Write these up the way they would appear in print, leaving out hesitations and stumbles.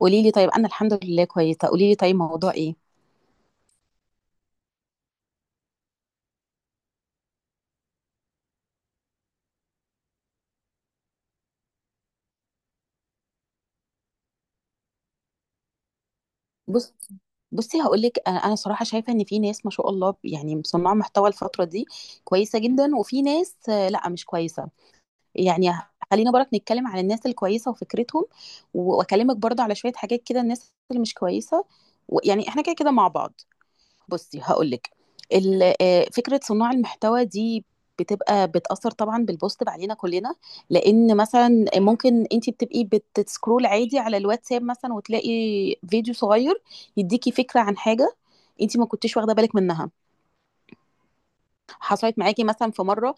قولي لي طيب، انا الحمد لله كويسه. قولي لي طيب، موضوع ايه؟ بص بصي هقول لك. انا صراحه شايفه ان في ناس ما شاء الله يعني صناع محتوى الفتره دي كويسه جدا، وفي ناس لا مش كويسه. يعني خلينا برك نتكلم على الناس الكويسه وفكرتهم، واكلمك برضه على شويه حاجات كده الناس اللي مش كويسه. ويعني احنا كده كده مع بعض. بصي هقول لك، فكره صناع المحتوى دي بتبقى بتأثر طبعا بالبوستيف علينا كلنا، لأن مثلا ممكن انت بتبقي بتسكرول عادي على الواتساب مثلا وتلاقي فيديو صغير يديكي فكرة عن حاجة انت ما كنتيش واخدة بالك منها. حصلت معاكي مثلا في مرة،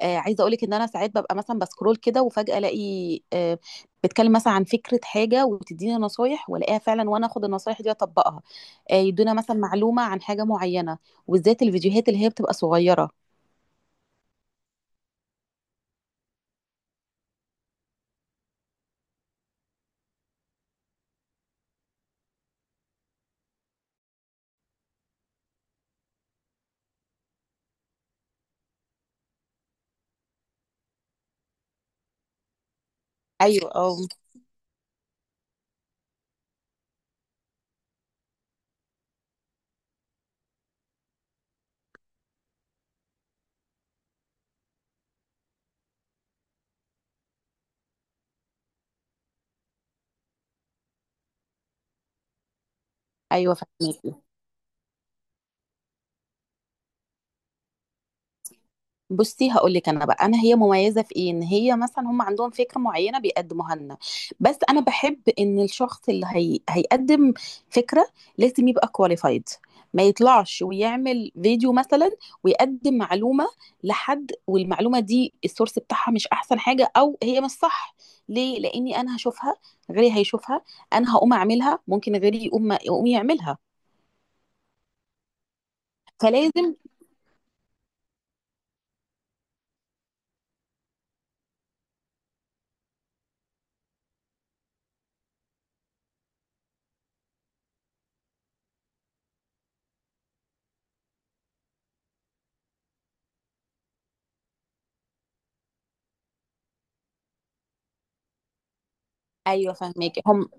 عايزه اقولك ان انا ساعات ببقى مثلا بسكرول كده وفجاه الاقي، بتكلم مثلا عن فكره حاجه وبتديني نصايح والاقيها فعلا وانا اخد النصايح دي واطبقها. يدونا مثلا معلومه عن حاجه معينه، وبالذات الفيديوهات اللي هي بتبقى صغيره. ايوه، اه. ايوه فهمت. بصي هقول لك انا بقى، انا هي مميزه في ايه؟ ان هي مثلا هم عندهم فكره معينه بيقدموها لنا، بس انا بحب ان الشخص اللي هيقدم فكره لازم يبقى كواليفايد. ما يطلعش ويعمل فيديو مثلا ويقدم معلومه لحد والمعلومه دي السورس بتاعها مش احسن حاجه او هي مش صح. ليه؟ لاني انا هشوفها، غيري هيشوفها، انا هقوم اعملها، ممكن غيري يقوم يعملها. فلازم. ايوه فاهمك، هم.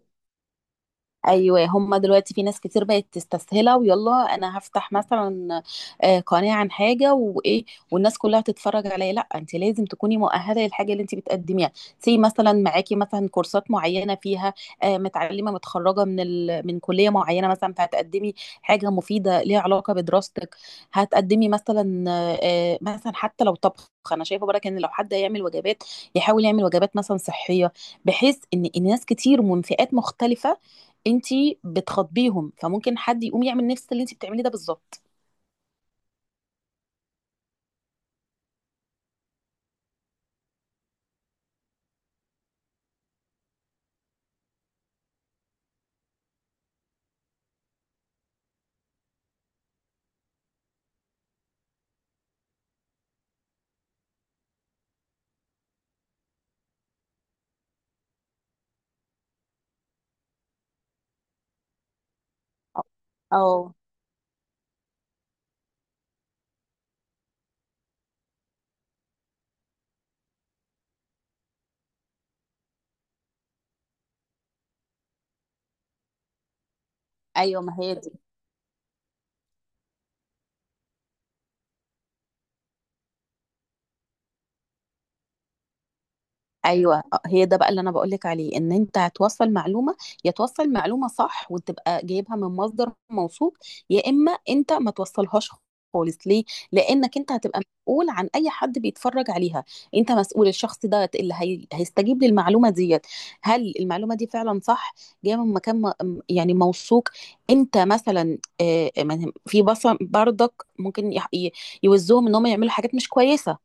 ايوه هما دلوقتي في ناس كتير بقت تستسهلها، ويلا انا هفتح مثلا قناه عن حاجه وايه، والناس كلها تتفرج عليا. لا، انت لازم تكوني مؤهله للحاجه اللي انت بتقدميها. سي مثلا معاكي مثلا كورسات معينه، فيها متعلمه متخرجه من كليه معينه مثلا، فهتقدمي حاجه مفيده ليها علاقه بدراستك. هتقدمي مثلا مثلا حتى لو طبخ، انا شايفه برك ان لو حد هيعمل وجبات يحاول يعمل وجبات مثلا صحيه، بحيث ان إن ناس كتير ومن فئات مختلفه انتي بتخاطبيهم، فممكن حد يقوم يعمل نفس اللي انتي بتعمليه ده بالظبط. اه، ايوه، ما هي. ايوه هي ده بقى اللي انا بقول لك عليه، ان انت هتوصل معلومه. يا توصل معلومه صح وتبقى جايبها من مصدر موثوق، يا اما انت ما توصلهاش خالص. ليه؟ لانك انت هتبقى مسؤول عن اي حد بيتفرج عليها. انت مسؤول الشخص ده اللي هيستجيب للمعلومه ديت. هل المعلومه دي فعلا صح؟ جايه من مكان يعني موثوق. انت مثلا في بص برضك ممكن يوزوهم ان هم يعملوا حاجات مش كويسه.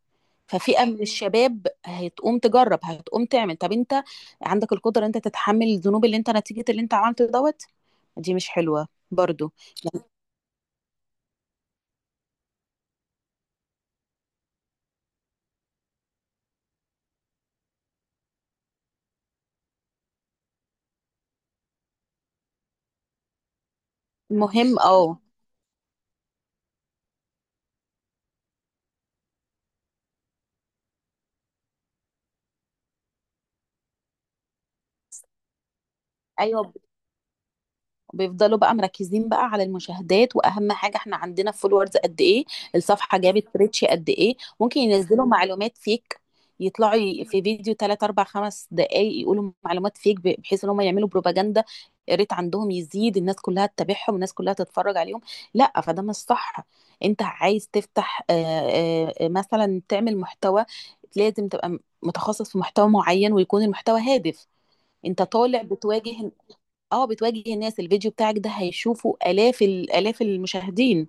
ففئة من الشباب هتقوم تجرب، هتقوم تعمل. طب انت عندك القدرة انت تتحمل الذنوب اللي انت نتيجة اللي انت عملته دوت؟ دي مش حلوة برضو. المهم، اه. ايوه بيفضلوا بقى مركزين بقى على المشاهدات، واهم حاجه احنا عندنا فولورز قد ايه، الصفحه جابت ريتش قد ايه. ممكن ينزلوا معلومات فيك، يطلعوا في فيديو 3 4 5 دقائق يقولوا معلومات فيك، بحيث ان هم يعملوا بروباجندا. الريت عندهم يزيد، الناس كلها تتابعهم، الناس كلها تتفرج عليهم. لا، فده مش صح. انت عايز تفتح مثلا تعمل محتوى، لازم تبقى متخصص في محتوى معين ويكون المحتوى هادف. انت طالع بتواجه، اه بتواجهي الناس. الفيديو بتاعك ده هيشوفه آلاف الآلاف المشاهدين.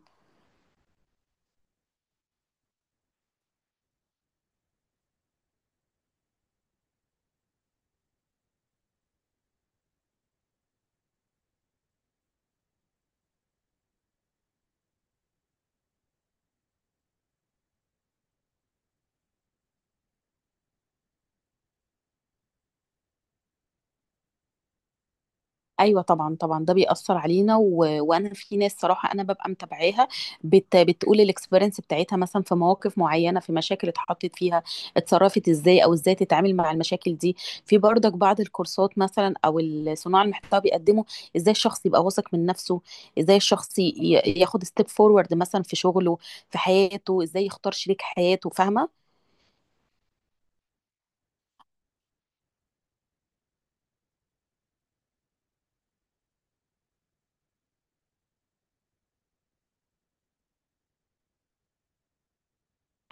ايوه طبعا طبعا ده بيأثر علينا. وانا في ناس صراحه انا ببقى متابعاها. بتقول الاكسبيرينس بتاعتها مثلا في مواقف معينه، في مشاكل اتحطت فيها، اتصرفت ازاي، او ازاي تتعامل مع المشاكل دي. في برضك بعض الكورسات مثلا او الصناع المحتوى بيقدموا ازاي الشخص يبقى واثق من نفسه، ازاي الشخص ياخد ستيب فورورد مثلا في شغله، في حياته، ازاي يختار شريك حياته. فاهمه؟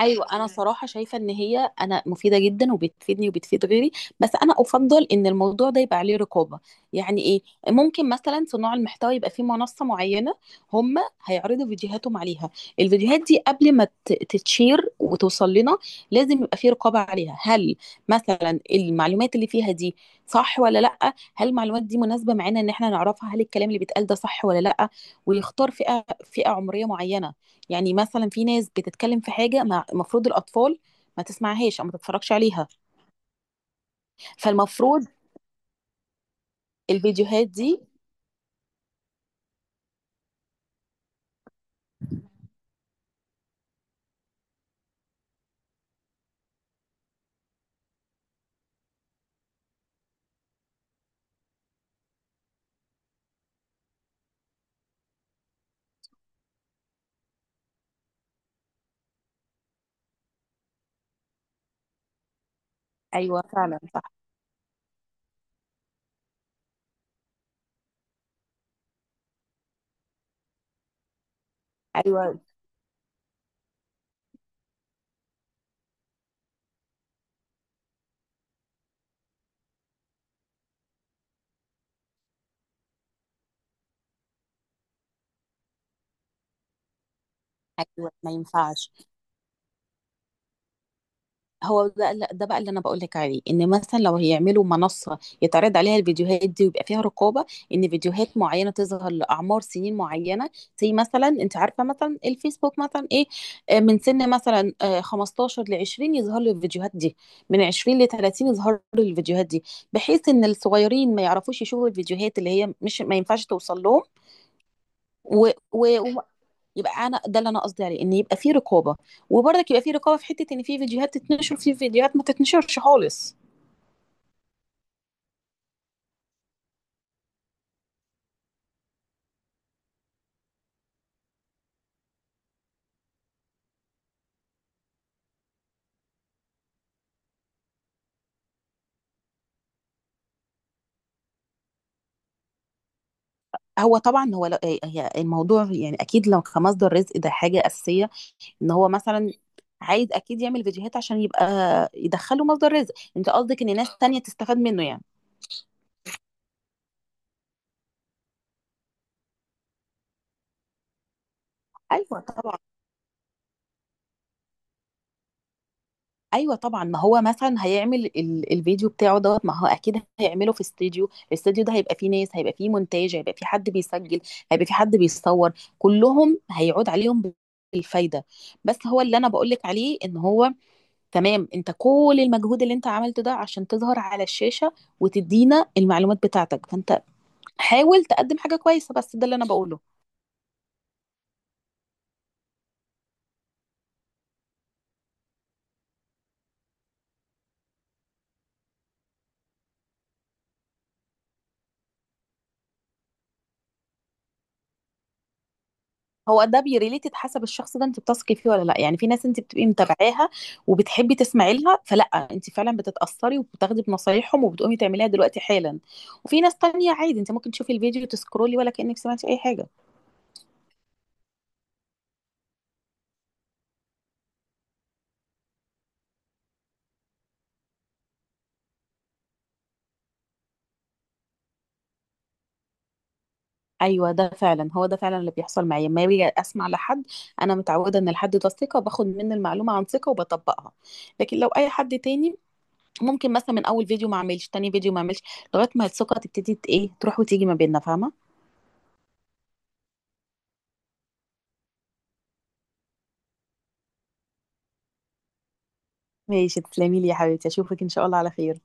ايوه انا صراحه شايفه ان هي انا مفيده جدا وبتفيدني وبتفيد غيري، بس انا افضل ان الموضوع ده يبقى عليه رقابه. يعني ايه؟ ممكن مثلا صناع المحتوى يبقى في منصه معينه هم هيعرضوا فيديوهاتهم عليها. الفيديوهات دي قبل ما تتشير وتوصل لنا لازم يبقى في رقابه عليها. هل مثلا المعلومات اللي فيها دي صح ولا لا؟ هل المعلومات دي مناسبه معانا ان احنا نعرفها؟ هل الكلام اللي بيتقال ده صح ولا لا؟ ويختار فئه عمريه معينه. يعني مثلا في ناس بتتكلم في حاجة المفروض الأطفال ما تسمعهاش أو ما تتفرجش عليها. فالمفروض الفيديوهات دي. أيوه فعلا صح. أيوه. أيوه ما ينفعش. هو ده، لا، ده بقى اللي انا بقول لك عليه ان مثلا لو هيعملوا منصه يتعرض عليها الفيديوهات دي ويبقى فيها رقابه، ان فيديوهات معينه تظهر لاعمار سنين معينه. زي مثلا انت عارفه مثلا الفيسبوك مثلا ايه، من سن مثلا 15 ل 20 يظهر له الفيديوهات دي، من 20 ل 30 يظهر له الفيديوهات دي، بحيث ان الصغيرين ما يعرفوش يشوفوا الفيديوهات اللي هي مش ما ينفعش توصل لهم. و... و... يبقى انا ده اللي انا قصدي عليه، ان يبقى في رقابه، وبرضك يبقى في رقابه في حته ان في فيديوهات تتنشر في فيديوهات ما تتنشرش خالص. هو طبعا، هو لو هي الموضوع يعني اكيد لو كمصدر رزق ده حاجه اساسيه. ان هو مثلا عايز اكيد يعمل فيديوهات عشان يبقى يدخله مصدر رزق. انت قصدك ان ناس تانية تستفاد منه يعني؟ ايوه طبعا. ايوه طبعا، ما هو مثلا هيعمل الفيديو بتاعه دوت. ما هو اكيد هيعمله في استوديو، الاستوديو ده هيبقى فيه ناس، هيبقى فيه مونتاج، هيبقى فيه حد بيسجل، هيبقى فيه حد بيصور. كلهم هيعود عليهم بالفايده. بس هو اللي انا بقول لك عليه ان هو تمام، انت كل المجهود اللي انت عملته ده عشان تظهر على الشاشه وتدينا المعلومات بتاعتك، فانت حاول تقدم حاجه كويسه. بس ده اللي انا بقوله. هو ده بيريليتد حسب الشخص ده انت بتثقي فيه ولا لا. يعني في ناس انت بتبقي متابعاها وبتحبي تسمعي لها، فلا انت فعلا بتتأثري وبتاخدي بنصايحهم وبتقومي تعمليها دلوقتي حالا. وفي ناس تانية عادي، انت ممكن تشوفي الفيديو تسكرولي ولا كأنك سمعتي اي حاجة. ايوه ده فعلا، هو ده فعلا اللي بيحصل معايا لما باجي اسمع لحد. انا متعودة ان الحد ده ثقة، باخد منه المعلومة عن ثقة وبطبقها. لكن لو اي حد تاني ممكن مثلا من اول فيديو ما اعملش، تاني فيديو ما اعملش، لغاية ما الثقة تبتدي ايه تروح وتيجي ما بيننا. فاهمة؟ ماشي تسلمي لي يا حبيبتي، اشوفك ان شاء الله على خير.